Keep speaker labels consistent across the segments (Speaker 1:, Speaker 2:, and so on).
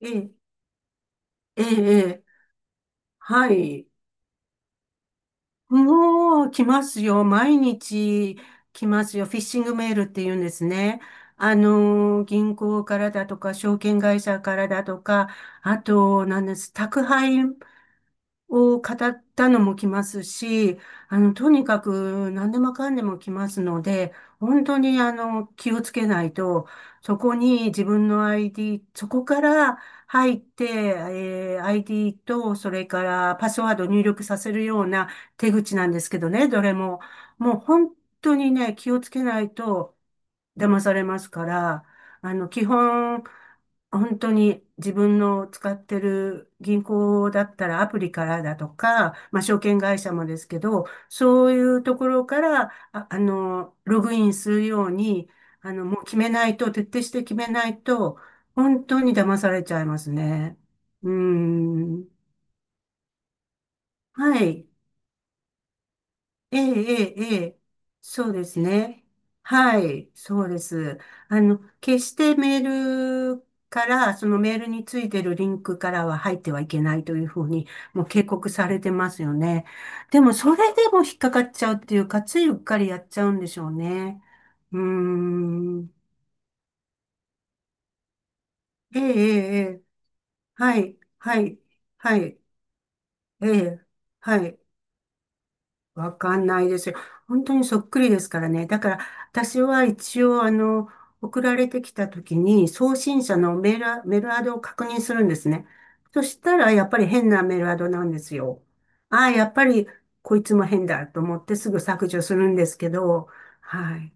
Speaker 1: ええ、ええ、ええ、はい。もう来ますよ。毎日来ますよ。フィッシングメールって言うんですね。銀行からだとか、証券会社からだとか、あと、なんです、宅配を語ったのも来ますし、とにかく何でもかんでも来ますので、本当に気をつけないと、そこに自分の ID、そこから入って、ID と、それからパスワードを入力させるような手口なんですけどね、どれも。もう本当にね、気をつけないと、騙されますから、基本、本当に自分の使ってる銀行だったらアプリからだとか、まあ、証券会社もですけど、そういうところから、あ、ログインするように、もう決めないと、徹底して決めないと、本当に騙されちゃいますね。うーん。はい。ええ、ええ、ええ、そうですね。はい、そうです。決してメールから、そのメールについてるリンクからは入ってはいけないというふうに、もう警告されてますよね。でも、それでも引っかかっちゃうっていうか、ついうっかりやっちゃうんでしょうね。うーん。ええ、ええ、ええ、はい、はい、はい、ええ、はい。わかんないですよ。本当にそっくりですからね。だから、私は一応、送られてきた時に、送信者のメールアドを確認するんですね。そしたら、やっぱり変なメールアドなんですよ。ああ、やっぱり、こいつも変だと思ってすぐ削除するんですけど、はい。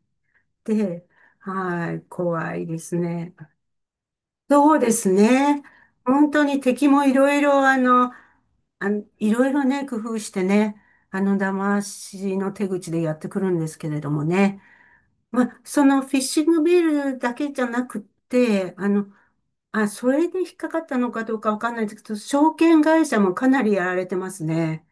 Speaker 1: で、はい、怖いですね。そうですね。本当に敵もいろいろ、いろいろね、工夫してね、騙しの手口でやってくるんですけれどもね。まあ、そのフィッシングビールだけじゃなくって、それで引っかかったのかどうかわかんないですけど、証券会社もかなりやられてますね。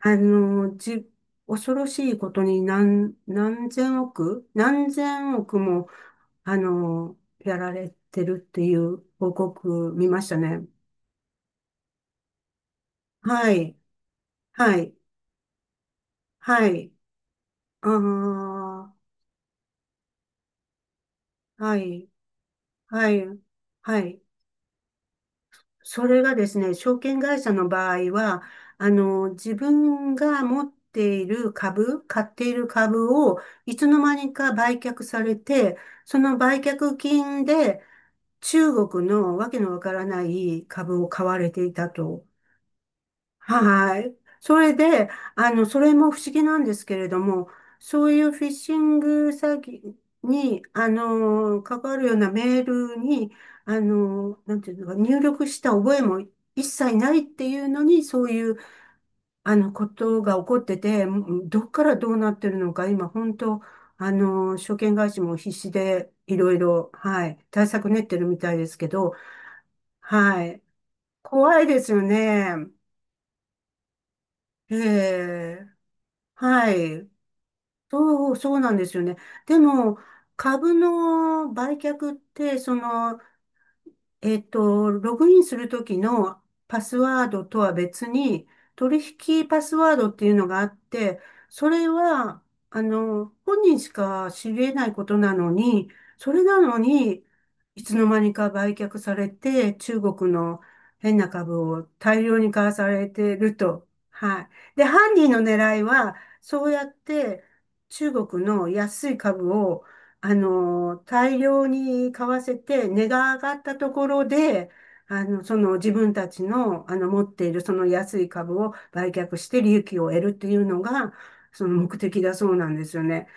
Speaker 1: あの、じ、恐ろしいことに何千億、何千億もやられてるっていう報告見ましたね。はい、はい、はい、ああ、はい、はい、はい。それがですね、証券会社の場合は、自分が持っている株、買っている株を、いつの間にか売却されて、その売却金で中国のわけのわからない株を買われていたと。はい。それで、それも不思議なんですけれども、そういうフィッシング詐欺に、関わるようなメールに、なんていうのか、入力した覚えも一切ないっていうのに、そういう、ことが起こってて、どっからどうなってるのか、今、本当、証券会社も必死で、いろいろ、はい、対策練ってるみたいですけど、はい。怖いですよね。ええ、はい。そうなんですよね。でも、株の売却って、ログインするときのパスワードとは別に、取引パスワードっていうのがあって、それは、本人しか知れないことなのに、それなのに、いつの間にか売却されて、中国の変な株を大量に買わされてると。はい。で、犯人の狙いは、そうやって中国の安い株を大量に買わせて、値が上がったところで、その自分たちの、持っているその安い株を売却して利益を得るっていうのが、その目的だそうなんですよね。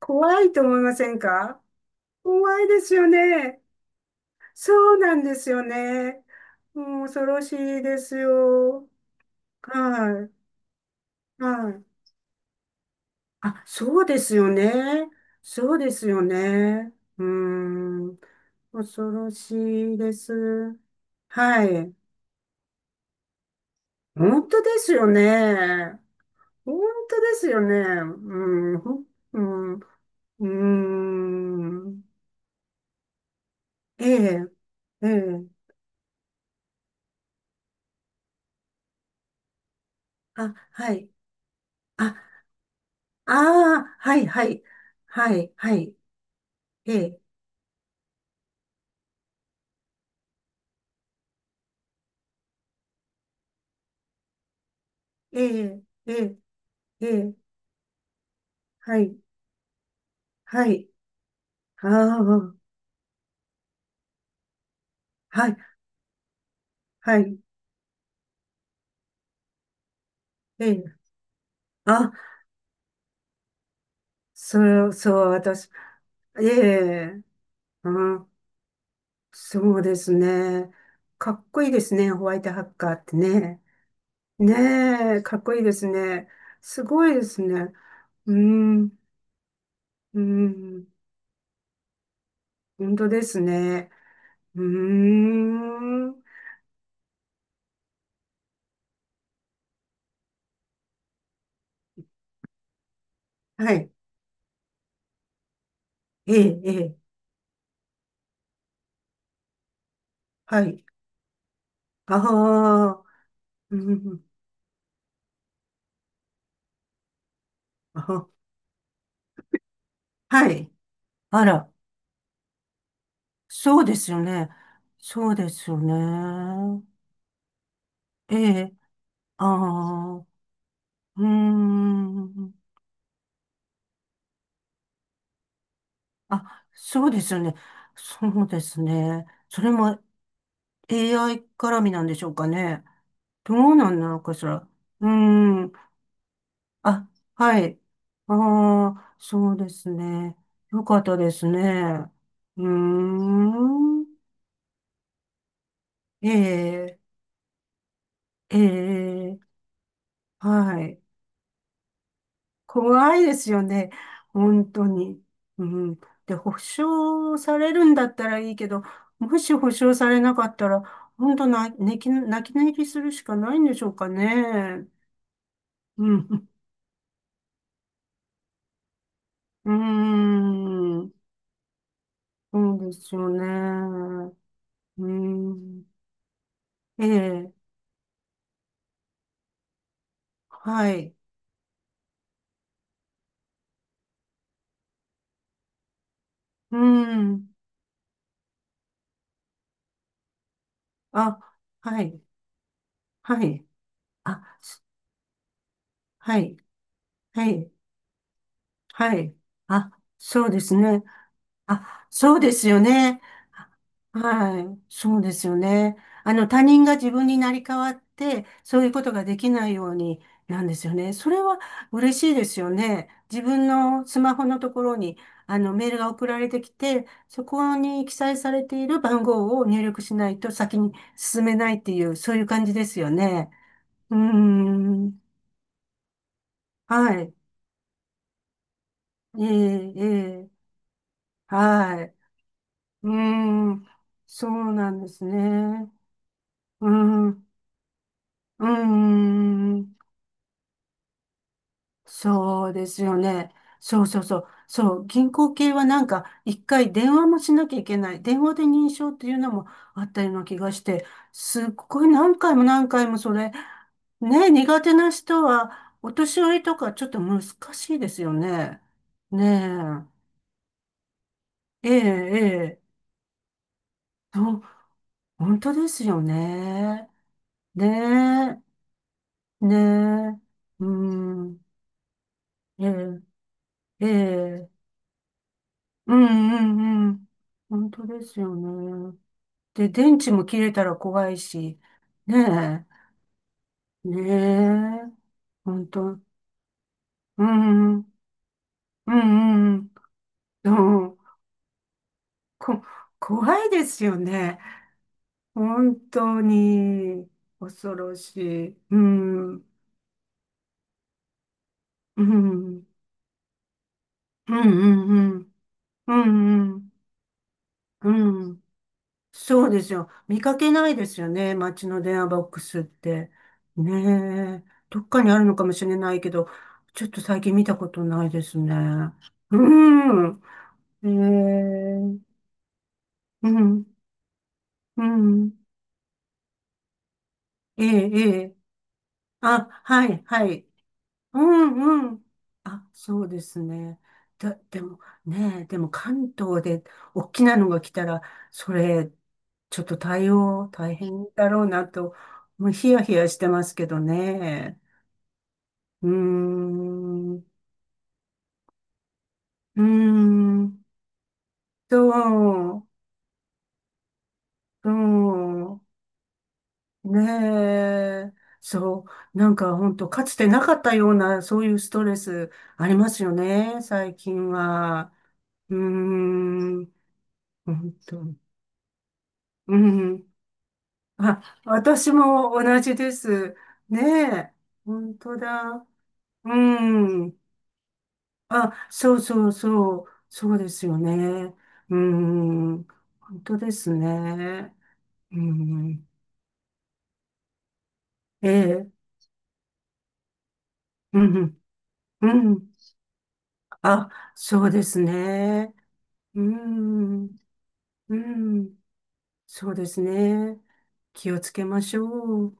Speaker 1: 怖いと思いませんか？怖いですよね。そうなんですよね。もう恐ろしいですよ。はい。はい。あ、そうですよね。そうですよね。うーん。恐ろしいです。はい。本当ですよね。本当ですよね。うん。うん。うーん。ええ、ええ。あ、はい。あ、ああ、はい、はい。はい、はい。ええ、ええ、ええ、ええ、はい、はい。ああ、はい、はい。ええ。あ、そう、そう、私、ええ、うん、そうですね。かっこいいですね、ホワイトハッカーってね。ねえ、かっこいいですね。すごいですね。うん、うん、本当ですね。うーん、はい、ええ、ええ、はい。ああ、うん、あ、はい。あら、そうですよね。そうですよね。ええ、ああ、うーん。あ、そうですよね。そうですね。それも AI 絡みなんでしょうかね。どうなんなのかしら。うーん。あ、はい。ああ、そうですね。よかったですね。うーん。ええ、ええ、はい。怖いですよね。本当に。うん。で、保証されるんだったらいいけど、もし保証されなかったら、本当な、泣き寝入りするしかないんでしょうかね。うん。うーん。そうですよね。うん。ええ。はい。うん。あ、はい。はい。あ、はい。はい。はい。あ、そうですね。あ、そうですよね。はい。そうですよね。他人が自分になり変わって、そういうことができないようになんですよね。それは嬉しいですよね。自分のスマホのところに、メールが送られてきて、そこに記載されている番号を入力しないと先に進めないっていう、そういう感じですよね。うーん。はい。ええ、ええ、はい。うーん。そうなんですね。うん、うーん、そうですよね。そうそうそう。そう、銀行系はなんか、一回電話もしなきゃいけない。電話で認証っていうのもあったような気がして、すっごい何回も何回もそれ、ね、苦手な人は、お年寄りとかちょっと難しいですよね。ねえ、ええ、ええ、そう、本当ですよね。ねえ、ねえ、うん、ええ、ええ。うんうんうん。本当ですよね。で、電池も切れたら怖いし、ねえ、ねえ、本当、うん、うん、うん、うんうんこ、怖いですよね。本当に、恐ろしい。うん、うん、うん、うん、うん、うん、うん、うん、そうですよ。見かけないですよね。街の電話ボックスって。ねえ。どっかにあるのかもしれないけど、ちょっと最近見たことないですね。うん。ええ、うん。うん。ええ、ええ。あ、はい、はい。うんうん。あ、そうですね。だ、でもね、でも関東で大きなのが来たら、それ、ちょっと対応大変だろうなと、もうヒヤヒヤしてますけどね。うーん、うーん、そう、うん、ねえ、そう、なんか本当かつてなかったような、そういうストレスありますよね、最近は。うーん。本当、うん。あ、私も同じです。ねえ、本当だ。うん。あ、そうそうそう。そうですよね。うん。本当ですね。うん。ええ。うん。うん。あ、そうですね。うん。うん。そうですね。気をつけましょう。